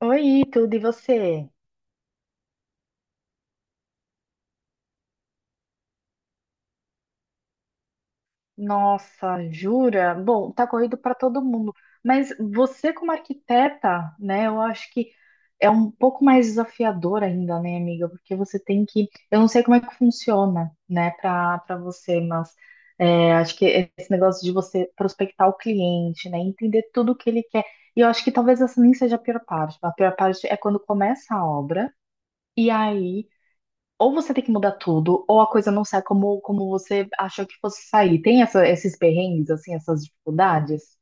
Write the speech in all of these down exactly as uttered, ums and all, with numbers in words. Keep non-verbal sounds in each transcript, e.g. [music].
Oi, tudo e você? Nossa, jura? Bom, tá corrido para todo mundo, mas você como arquiteta, né, eu acho que é um pouco mais desafiador ainda, né, amiga? Porque você tem que, eu não sei como é que funciona, né, para para você, mas é, acho que esse negócio de você prospectar o cliente, né, entender tudo o que ele quer. E eu acho que talvez essa nem seja a pior parte. A pior parte é quando começa a obra. E aí ou você tem que mudar tudo, ou a coisa não sai como, como você achou que fosse sair. Tem essa- esses perrengues, assim, essas dificuldades?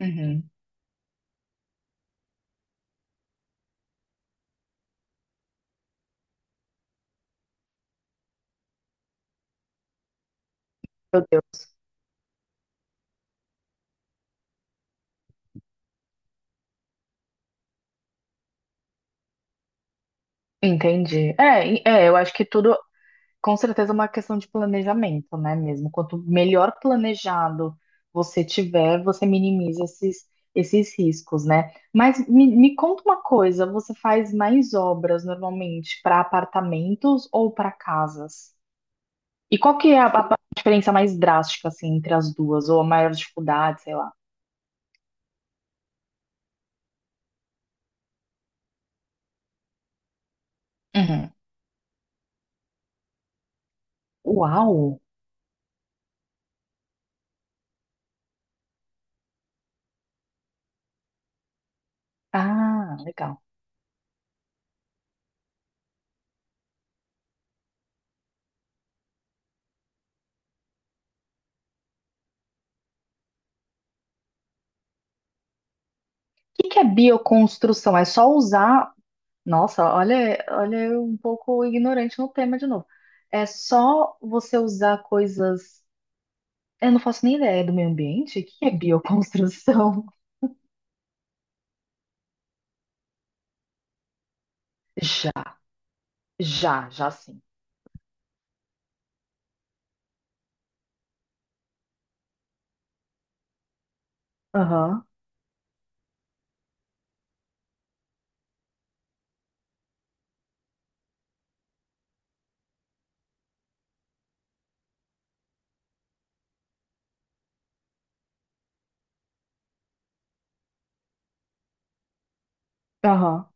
Uhum. Meu Deus. Entendi. É, e- é, eu acho que tudo, com certeza, é uma questão de planejamento, né, mesmo? Quanto melhor planejado você tiver, você minimiza esses, esses riscos, né? Mas me, me conta uma coisa, você faz mais obras normalmente para apartamentos ou para casas? E qual que é a, a diferença mais drástica, assim, entre as duas? Ou a maior dificuldade, sei lá. Uhum. Uau! Ah, legal. O que que é bioconstrução? É só usar. Nossa, olha, olha eu um pouco ignorante no tema de novo. É só você usar coisas. Eu não faço nem ideia do meio ambiente. O que é bioconstrução? [laughs] Já, já, já sim. Aham, aham.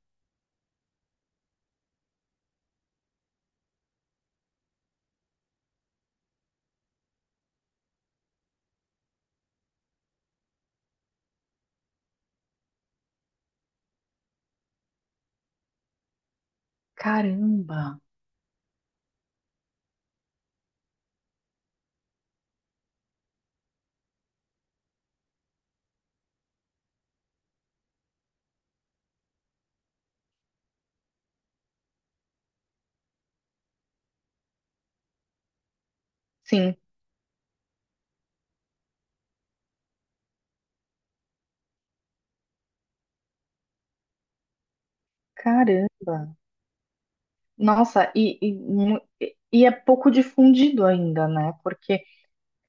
Caramba! Sim, caramba! Nossa, e, e, mu- e- e é pouco difundido ainda, né? Porque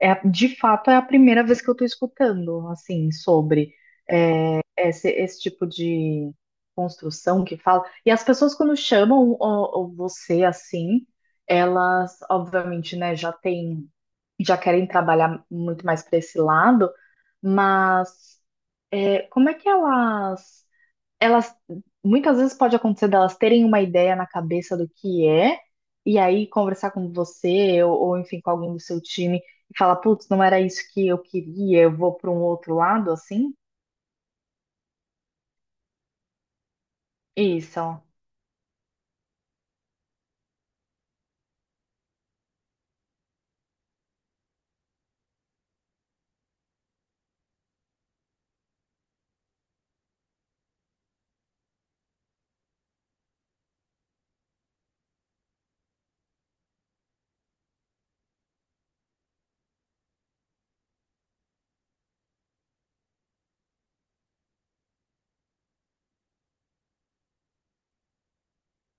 é, a- de fato é a primeira vez que eu tô escutando, assim, sobre é, esse, esse tipo de construção que fala. E as pessoas quando chamam ó, ó, você assim, elas, obviamente, né, já têm, já querem trabalhar muito mais para esse lado, mas é, como é que elas elas muitas vezes pode acontecer delas terem uma ideia na cabeça do que é, e aí conversar com você, ou, ou, enfim, com alguém do seu time, e falar, putz, não era isso que eu queria, eu vou para um outro lado, assim? Isso, ó,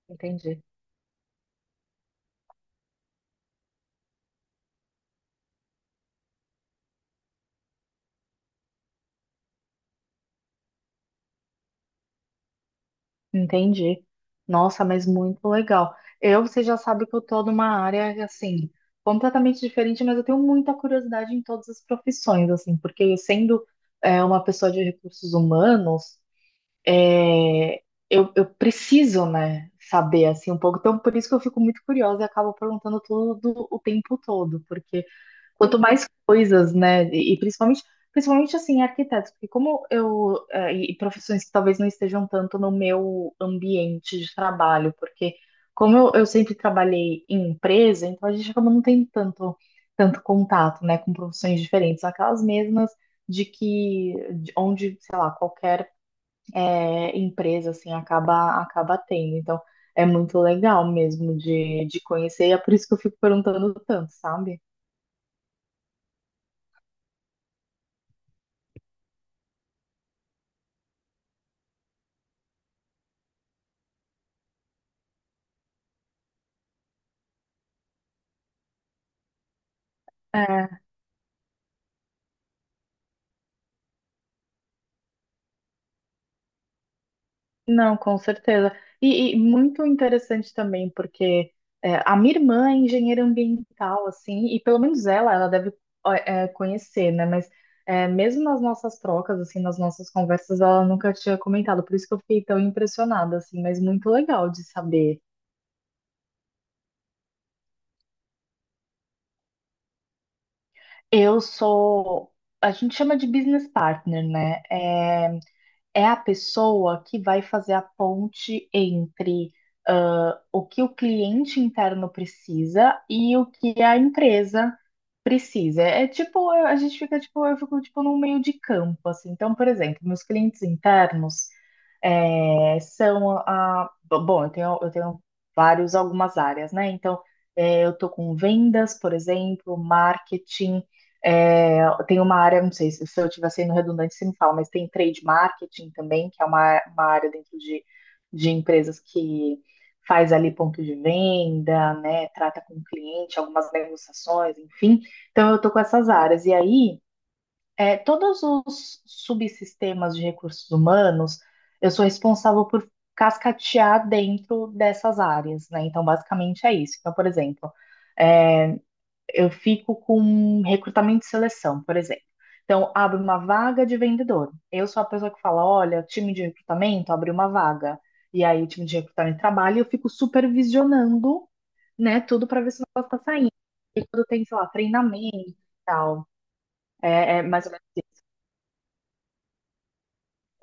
entendi, entendi. Nossa, mas muito legal. Eu, você já sabe que eu tô numa área, assim, completamente diferente, mas eu tenho muita curiosidade em todas as profissões, assim, porque eu sendo, é, uma pessoa de recursos humanos, é, eu, eu preciso, né, saber assim um pouco. Então, por isso que eu fico muito curiosa e acabo perguntando tudo o tempo todo, porque quanto mais coisas, né, e, e principalmente, principalmente assim, arquitetos, porque como eu eh, e profissões que talvez não estejam tanto no meu ambiente de trabalho, porque como eu, eu sempre trabalhei em empresa, então a gente acaba não tem tanto tanto contato, né, com profissões diferentes, aquelas mesmas de que de onde, sei lá, qualquer é, empresa assim acaba acaba tendo. Então é muito legal mesmo de, de conhecer, e é por isso que eu fico perguntando tanto, sabe? É, não, com certeza. E, e muito interessante também, porque é, a minha irmã é engenheira ambiental, assim, e pelo menos ela, ela deve ó, é, conhecer, né? Mas é, mesmo nas nossas trocas, assim, nas nossas conversas, ela nunca tinha comentado, por isso que eu fiquei tão impressionada, assim, mas muito legal de saber. Eu sou, a gente chama de business partner, né? É, é a pessoa que vai fazer a ponte entre ah, o que o cliente interno precisa e o que a empresa precisa. É, tipo, a gente fica tipo, eu fico tipo num meio de campo, assim. Então, por exemplo, meus clientes internos, é, são a. Bom, eu tenho, eu tenho vários, algumas áreas, né? Então, é, eu estou com vendas, por exemplo, marketing. É, tem uma área, não sei se, se eu estiver sendo redundante, você me fala, mas tem trade marketing também, que é uma, uma área dentro de, de empresas que faz ali ponto de venda, né? Trata com o cliente, algumas negociações, enfim. Então, eu estou com essas áreas. E aí. É, todos os subsistemas de recursos humanos, eu sou responsável por cascatear dentro dessas áreas, né? Então, basicamente é isso. Então, por exemplo, é, eu fico com recrutamento e seleção, por exemplo. Então, abre uma vaga de vendedor. Eu sou a pessoa que fala, olha, time de recrutamento abriu uma vaga. E aí, o time de recrutamento trabalha e eu fico supervisionando, né, tudo para ver se o negócio está saindo. E quando tem, sei lá, treinamento e tal. É, é mais ou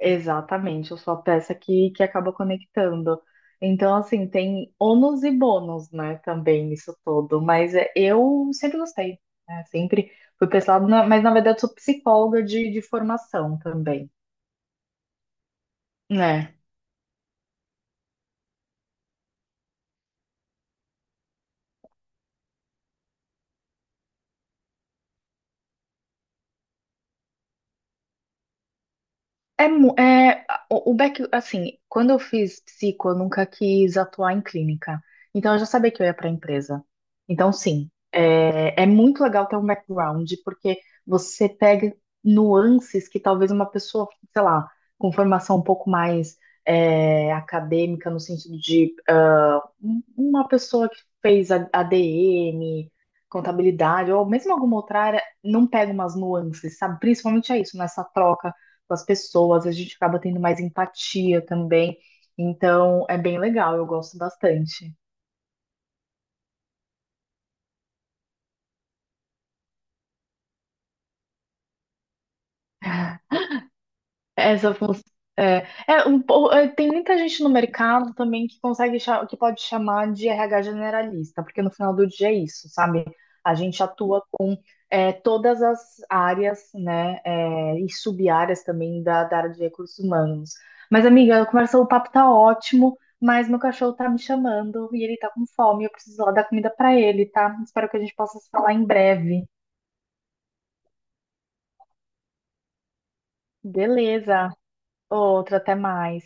exatamente, eu sou a peça que, que acaba conectando. Então, assim, tem ônus e bônus, né, também nisso todo. Mas é, eu sempre gostei, né? Sempre fui pessoal, mas na verdade sou psicóloga de, de formação também, né? É, mu- é, o, o back, assim, quando eu fiz psico, eu nunca quis atuar em clínica. Então eu já sabia que eu ia para a empresa. Então, sim, é, é muito legal ter um background, porque você pega nuances que talvez uma pessoa, sei lá, com formação um pouco mais é, acadêmica, no sentido de um- uma pessoa que fez a- ADM, contabilidade, ou mesmo alguma outra área, não pega umas nuances, sabe? Principalmente é isso, nessa troca com as pessoas, a gente acaba tendo mais empatia também. Então, é bem legal, eu gosto bastante. Essa função. É, é, um po- é, tem muita gente no mercado também que consegue cha- que pode chamar de R H generalista, porque no final do dia é isso, sabe? A gente atua é, todas as áreas, né, é, e sub-áreas também da, da área de recursos humanos. Mas, amiga, a conversa, o papo tá ótimo, mas meu cachorro tá me chamando e ele tá com fome, eu preciso lá dar comida pra ele, tá? Espero que a gente possa se falar em breve. Beleza. Outra, até mais.